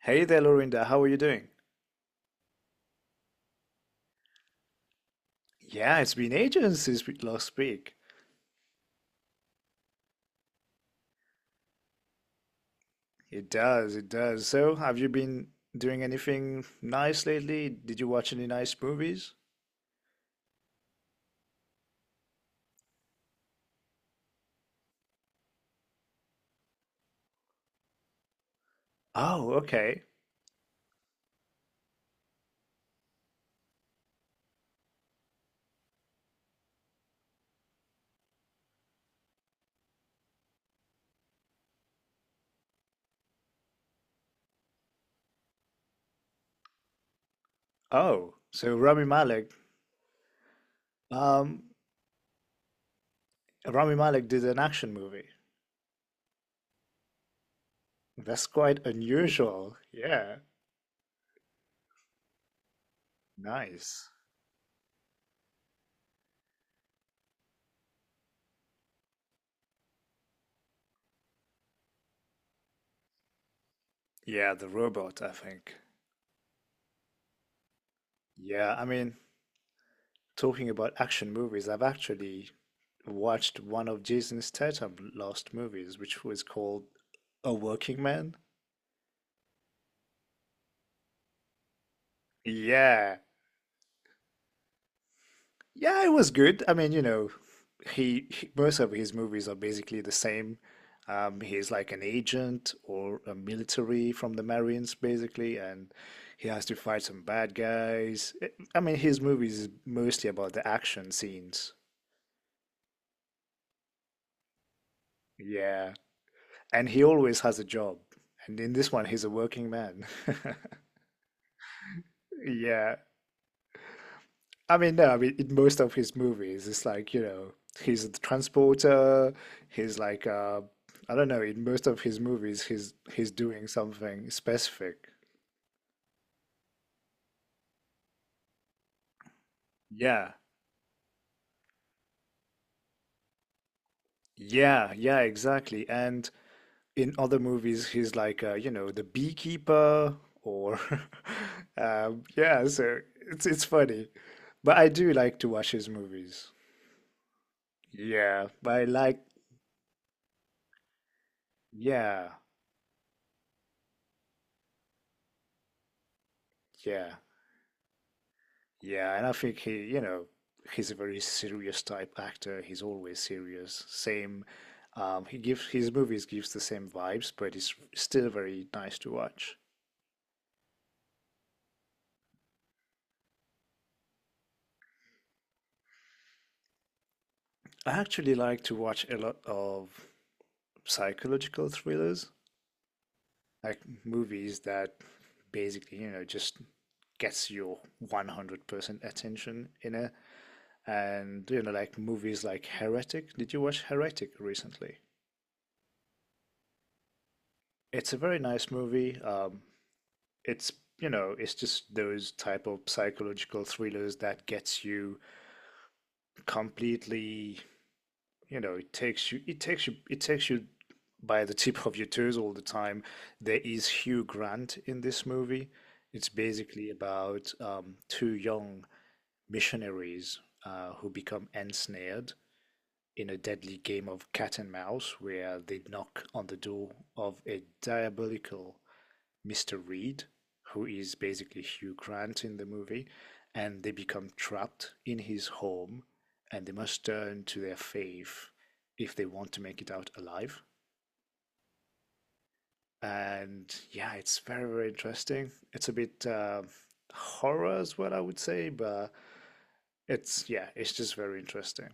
Hey there, Lorinda. How are you doing? Yeah, it's been ages since we last speak. It does, it does. So, have you been doing anything nice lately? Did you watch any nice movies? Oh, okay. Oh, so Rami Malek. Um, Rami Malek did an action movie. That's quite unusual. Yeah, nice. Yeah, The Robot, I think. Yeah, I mean, talking about action movies, I've actually watched one of Jason Statham's last movies, which was called A Working Man? Yeah. Yeah, it was good. I mean, you know, most of his movies are basically the same. He's like an agent or a military from the Marines, basically, and he has to fight some bad guys. I mean, his movies is mostly about the action scenes. Yeah. And he always has a job. And in this one, he's a working man. Yeah. I mean, no, I mean, in most of his movies, it's like, you know, he's a transporter, he's like, I don't know, in most of his movies, he's doing something specific. Yeah, yeah, yeah, exactly. And in other movies, he's like, you know, the beekeeper or, yeah, so it's funny. But I do like to watch his movies. Yeah, but I like, yeah, yeah. Yeah, and I think he, you know, he's a very serious type actor. He's always serious. Same, he gives his movies gives the same vibes, but it's still very nice to watch. I actually like to watch a lot of psychological thrillers, like movies that basically, you know, just gets your 100% attention in it. And, you know, like movies like Heretic. Did you watch Heretic recently? It's a very nice movie. It's you know it's just those type of psychological thrillers that gets you completely, you know, it takes you by the tip of your toes all the time. There is Hugh Grant in this movie. It's basically about two young missionaries who become ensnared in a deadly game of cat and mouse where they knock on the door of a diabolical Mr. Reed, who is basically Hugh Grant in the movie, and they become trapped in his home, and they must turn to their faith if they want to make it out alive. And yeah, it's very, very interesting. It's a bit horror, is what I would say, but it's, yeah, it's just very interesting.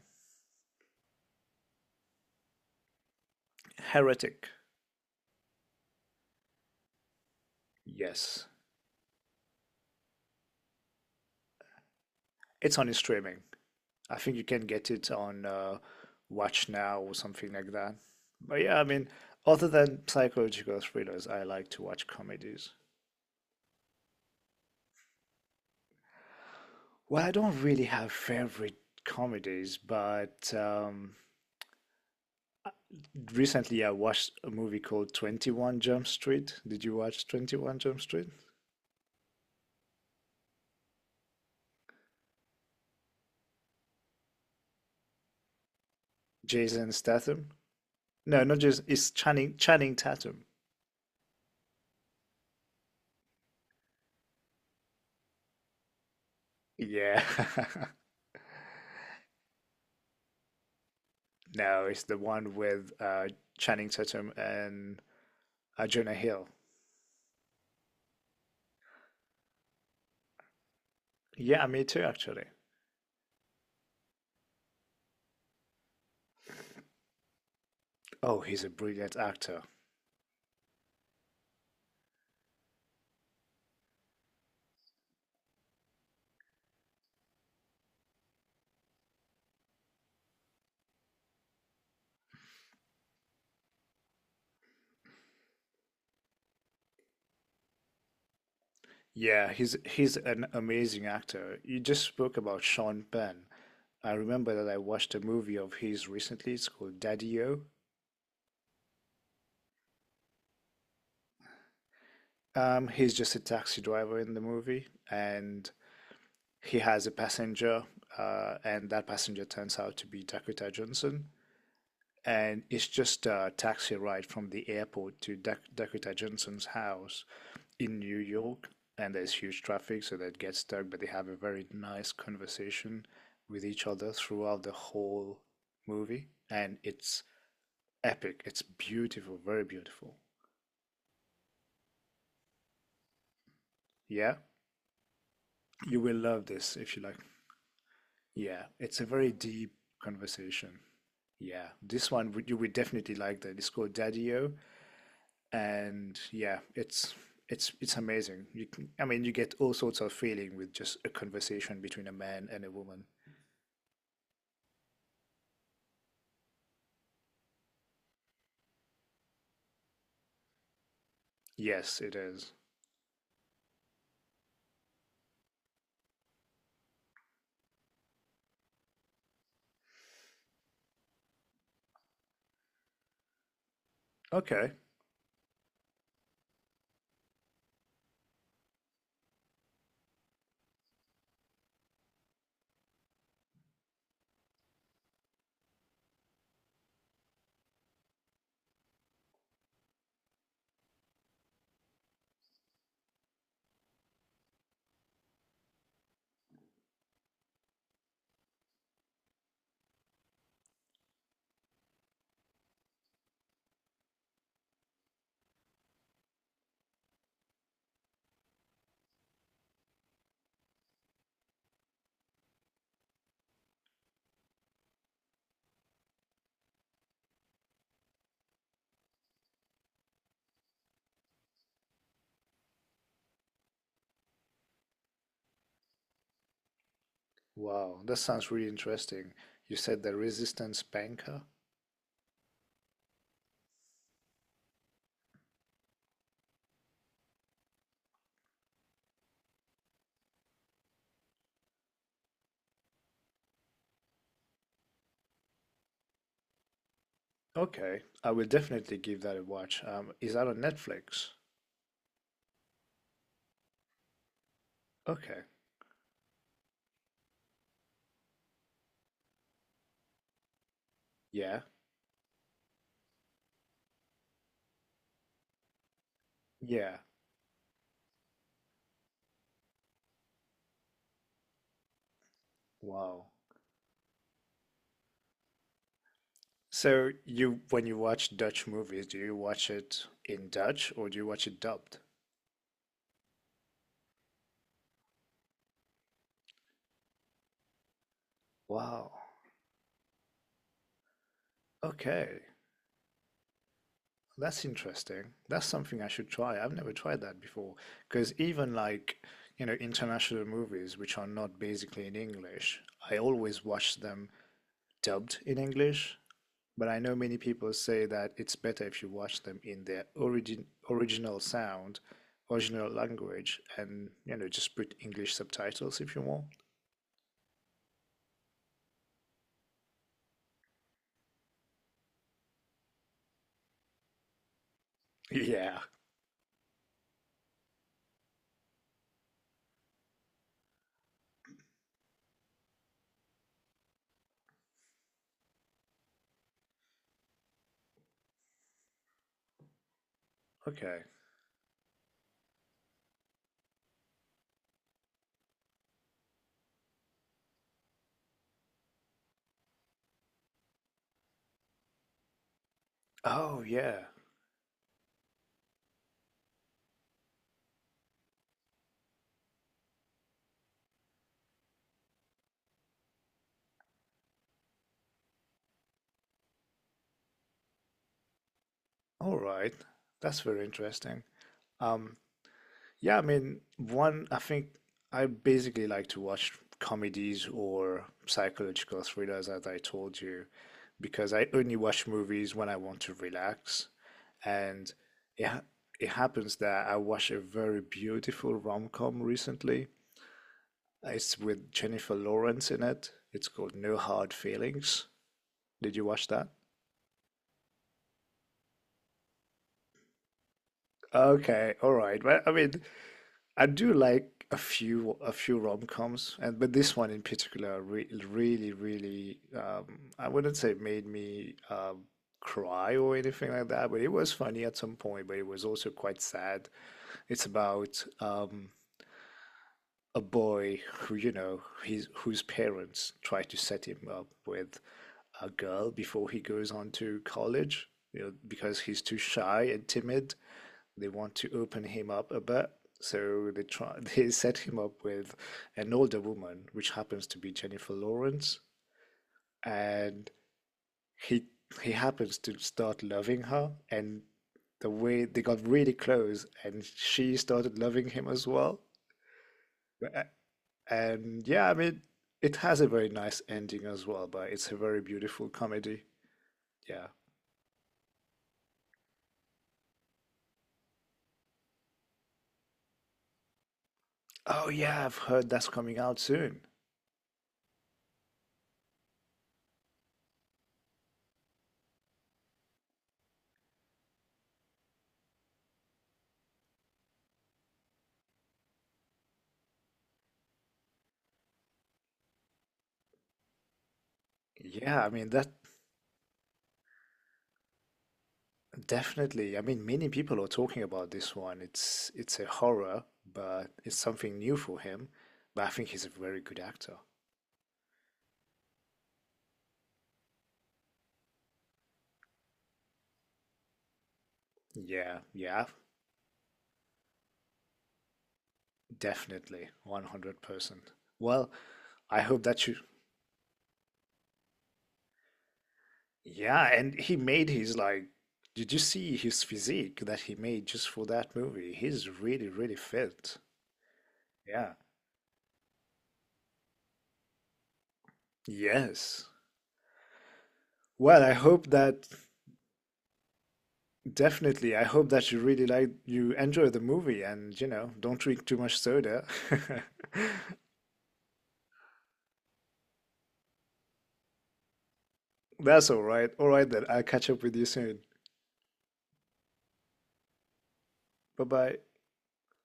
Heretic, yes. It's on streaming. I think you can get it on Watch Now or something like that. But yeah, I mean, other than psychological thrillers, I like to watch comedies. Well, I don't really have favorite comedies, but recently I watched a movie called 21 Jump Street. Did you watch 21 Jump Street? Jason Statham? No, not just, it's Channing Tatum. Yeah. No, it's the one with Channing Tatum and Jonah Hill. Yeah, me too, actually. Oh, he's a brilliant actor. Yeah, he's an amazing actor. You just spoke about Sean Penn. I remember that I watched a movie of his recently. It's called Daddy-O. He's just a taxi driver in the movie, and he has a passenger, and that passenger turns out to be Dakota Johnson. And it's just a taxi ride from the airport to Dakota Johnson's house in New York, and there's huge traffic, so they get stuck, but they have a very nice conversation with each other throughout the whole movie, and it's epic. It's beautiful, very beautiful. Yeah, you will love this if you like. Yeah, it's a very deep conversation. Yeah, this one you would definitely like that. It's called Daddy-O, and yeah, it's amazing. You can, I mean, you get all sorts of feeling with just a conversation between a man and a woman. Yes, it is. Okay. Wow, that sounds really interesting. You said the Resistance Banker? Okay, I will definitely give that a watch. Is that on Netflix? Okay. Yeah. Yeah. Wow. So you when you watch Dutch movies, do you watch it in Dutch or do you watch it dubbed? Wow. Okay. That's interesting. That's something I should try. I've never tried that before. Because even like, you know, international movies which are not basically in English, I always watch them dubbed in English, but I know many people say that it's better if you watch them in their original sound, original language, and you know just put English subtitles if you want. Yeah. Okay. Oh yeah. All right. That's very interesting. Um, Yeah, I mean, one, I think I basically like to watch comedies or psychological thrillers, as I told you, because I only watch movies when I want to relax. And it, ha- it happens that I watched a very beautiful rom-com recently. It's with Jennifer Lawrence in it. It's called No Hard Feelings. Did you watch that? Okay, all right. Well, I mean, I do like a few rom-coms, and but this one in particular re really really I wouldn't say it made me cry or anything like that, but it was funny at some point, but it was also quite sad. It's about a boy who, you know, his whose parents try to set him up with a girl before he goes on to college, you know, because he's too shy and timid, they want to open him up a bit, so they try they set him up with an older woman which happens to be Jennifer Lawrence, and he happens to start loving her, and the way they got really close and she started loving him as well, and yeah, I mean, it has a very nice ending as well, but it's a very beautiful comedy. Yeah. Oh yeah, I've heard that's coming out soon. Yeah, I mean that definitely. I mean, many people are talking about this one. It's a horror, but it's something new for him. But I think he's a very good actor. Yeah, yeah, definitely, 100%. Well, I hope that you Yeah, and he made his like, did you see his physique that he made just for that movie? He's really, really fit. Yeah. Yes. Well, I hope that definitely, I hope that you really like you enjoy the movie and you know, don't drink too much soda. That's all right. All right then. I'll catch up with you soon. Bye bye.